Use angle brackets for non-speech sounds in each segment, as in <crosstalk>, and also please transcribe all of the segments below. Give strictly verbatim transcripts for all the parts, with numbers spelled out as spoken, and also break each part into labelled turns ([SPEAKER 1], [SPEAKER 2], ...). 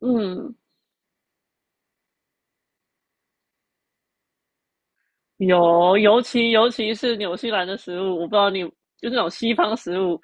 [SPEAKER 1] 嗯，有，尤其尤其是纽西兰的食物，我不知道你，就那种西方食物，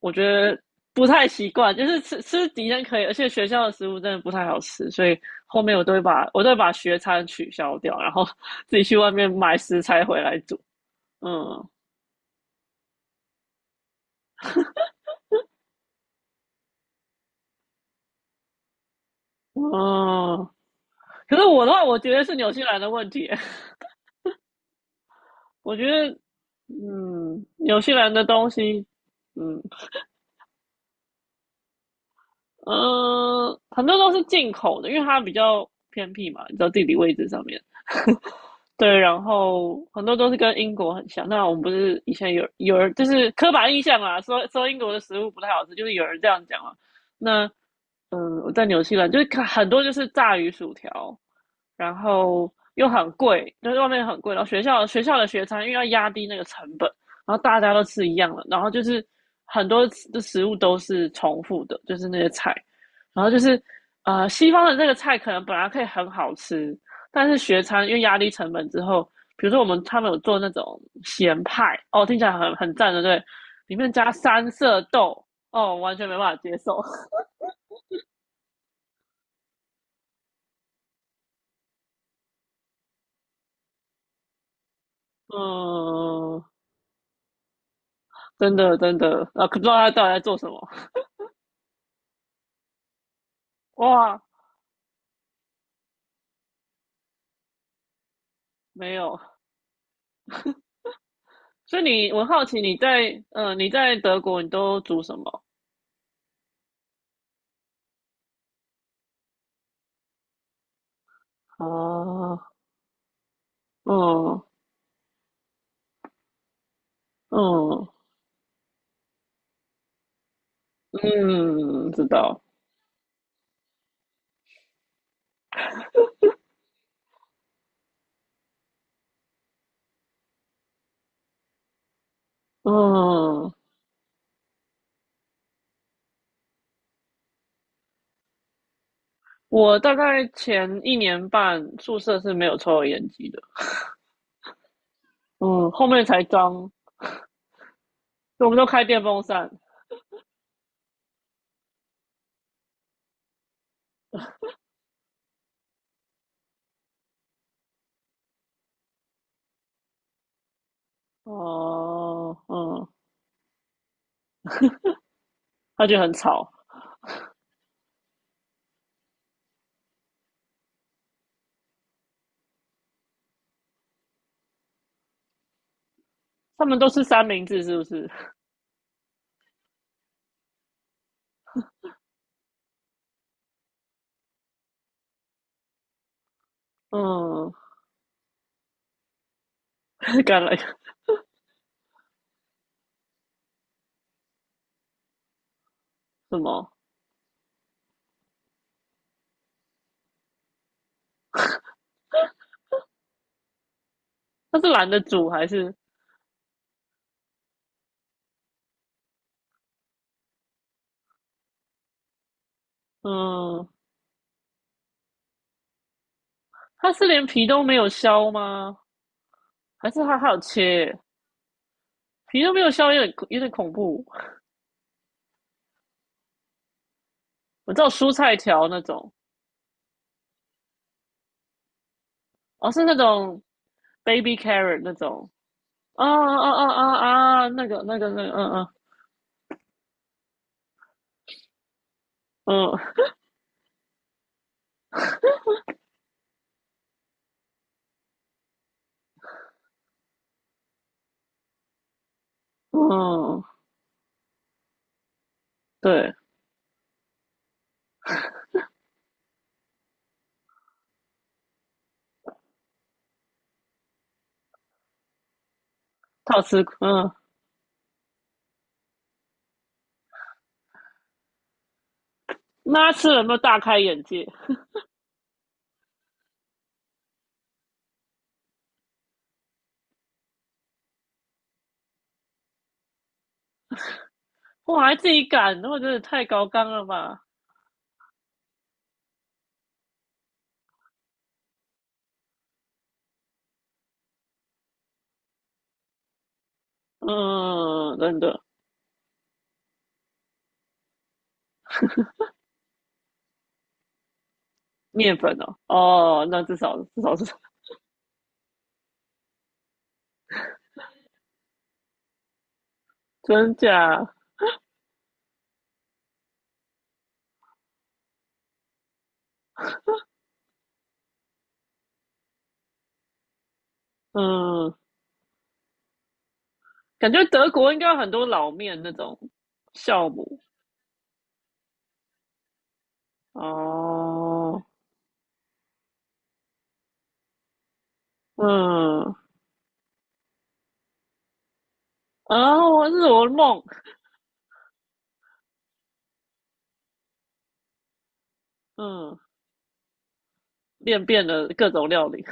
[SPEAKER 1] 我觉得不太习惯。就是吃吃敌人可以，而且学校的食物真的不太好吃，所以后面我都会把我都会把学餐取消掉，然后 <laughs> 自己去外面买食材回来煮。嗯嗯。可是我的话，我觉得是纽西兰的问题。<laughs> 我觉得嗯，纽西兰的东西，嗯，嗯，很多都是进口的，因为它比较偏僻嘛，你知道地理位置上面。对，然后很多都是跟英国很像。那我们不是以前有有人就是刻板印象嘛，说说英国的食物不太好吃，就是有人这样讲嘛。那嗯，我在纽西兰就是看很多就是炸鱼薯条，然后又很贵，就是外面很贵。然后学校学校的学餐，因为要压低那个成本，然后大家都吃一样的，然后就是很多的食物都是重复的，就是那些菜。然后就是呃，西方的这个菜可能本来可以很好吃，但是学餐因为压低成本之后，比如说我们他们有做那种咸派，哦，听起来很很赞的，对，里面加三色豆，哦，完全没办法接受。<laughs> 嗯。真的真的，啊，不知道他到底在做什么。哇，没有。所以你，我好奇你在，嗯、呃你在德国你都煮什么？哦，嗯嗯嗯，知道。嗯，我大概前一年半宿舍是没有抽油烟机的，嗯，后面才装，所以我们都开电风扇。哦，嗯，他就很吵。他们都吃三明治是不是？嗯，<laughs> 橄榄什么？他是懒得煮还是？嗯，他是连皮都没有削吗？还是它好切皮都没有削，有点有点恐怖。我知道蔬菜条那种，哦，是那种 baby carrot 那种。啊啊啊啊啊，那个那个那个，嗯嗯嗯嗯，对，他有吃。嗯，那他吃了有没有大开眼界？哇，还自己擀，那我真的太高纲了吧？嗯，真的。面粉哦，哦，那至少至少是 <laughs> 真假。嗯，感觉德国应该有很多老面那种酵母。哦，嗯，啊，我是我梦。嗯，练遍了各种料理。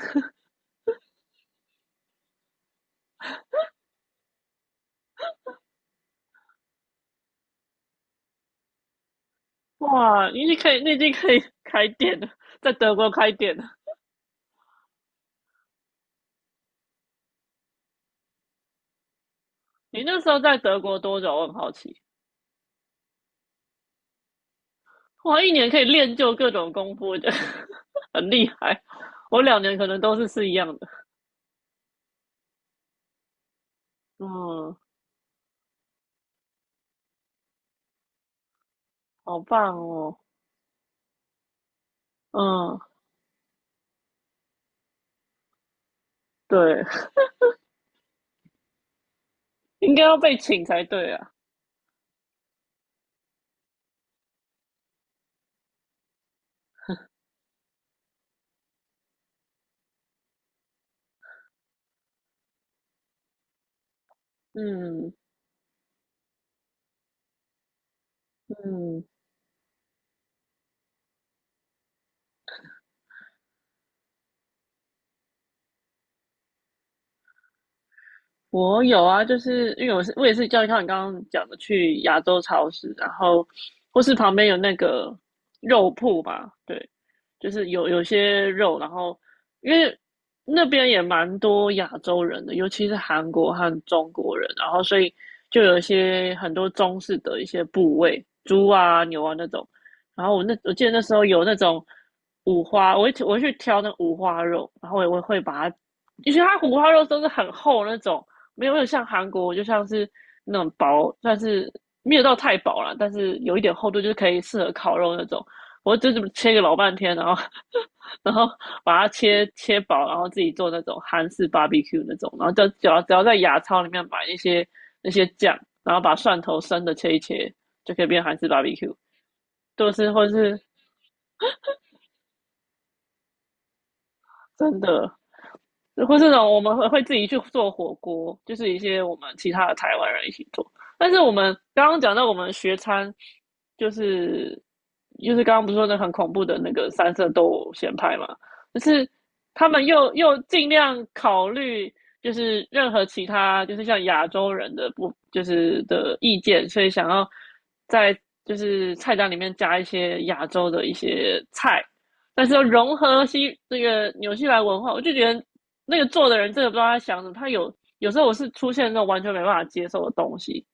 [SPEAKER 1] 哇，你已经可以，你已经可以开店了，在德国开店了。你那时候在德国多久？我很好奇。哇，一年可以练就各种功夫，的，<laughs> 很厉害。我两年可能都是是一样的。嗯，好棒哦。嗯，对，应该要被请才对啊。嗯嗯。我有啊，就是因为我是我也是叫像你刚刚讲的去亚洲超市，然后或是旁边有那个肉铺吧，对，就是有有些肉，然后因为那边也蛮多亚洲人的，尤其是韩国和中国人，然后所以就有一些很多中式的一些部位，猪啊、牛啊那种。然后我那我记得那时候有那种五花，我会我会去挑那五花肉，然后我我会把它，因为它五花肉都是很厚那种，没有没有像韩国就像是那种薄，但是没有到太薄啦，但是有一点厚度，就是可以适合烤肉那种。我就这么切个老半天，然后 <laughs> 然后把它切切薄，然后自己做那种韩式 barbecue 那种，然后就只要只要在亚超里面买一些那些酱，然后把蒜头生的切一切，就可以变韩式 barbecue，就是或者是真的或这种我们会会自己去做火锅，就是一些我们其他的台湾人一起做。但是我们刚刚讲到我们学餐，就是就是刚刚不是说那很恐怖的那个三色豆咸派嘛，就是他们又又尽量考虑就是任何其他就是像亚洲人的不就是的意见，所以想要在就是菜单里面加一些亚洲的一些菜，但是又融合西这个纽西兰文化，我就觉得那个做的人真的不知道他想什么。他有有时候我是出现那种完全没办法接受的东西，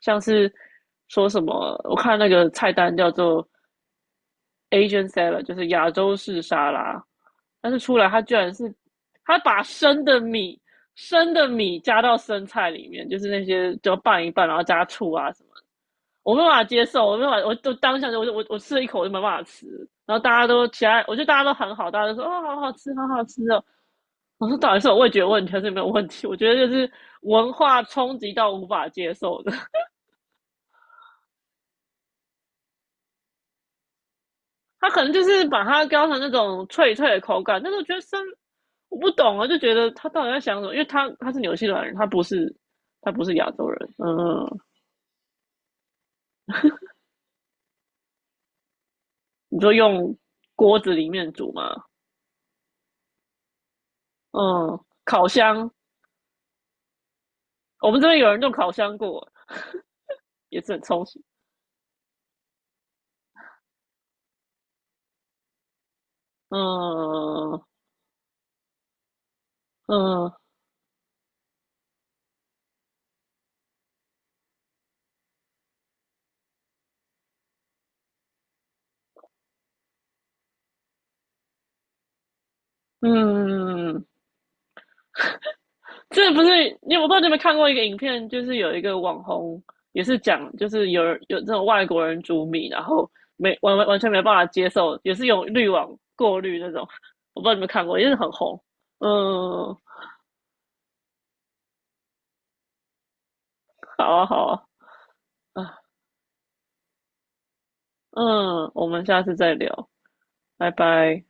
[SPEAKER 1] 像是说什么，我看那个菜单叫做 Asian salad，就是亚洲式沙拉，但是出来他居然是他把生的米生的米加到生菜里面，就是那些就拌一拌，然后加醋啊，我没办法接受，我没办法，我就当下就我我我吃了一口我就没办法吃，然后大家都其他，我觉得大家都很好，大家都说哦好好吃，好好吃哦。我说到底是我味觉问题还是没有问题？我觉得就是文化冲击到无法接受的。<laughs> 他可能就是把它雕成那种脆脆的口感，但是我觉得生我不懂啊，就觉得他到底在想什么？因为他他是纽西兰人，他不是他不是亚洲人。嗯，你就用锅子里面煮嘛，嗯，烤箱，我们这边有人用烤箱过，也是很充实。嗯嗯嗯，嗯嗯嗯嗯，这不是你我不知道你有没有看过一个影片，就是有一个网红也是讲，就是有有这种外国人煮米，然后没完完完全没办法接受，也是用滤网过滤那种，我不知道你们看过，也是很红。嗯，好啊好啊。啊，嗯，我们下次再聊，拜拜。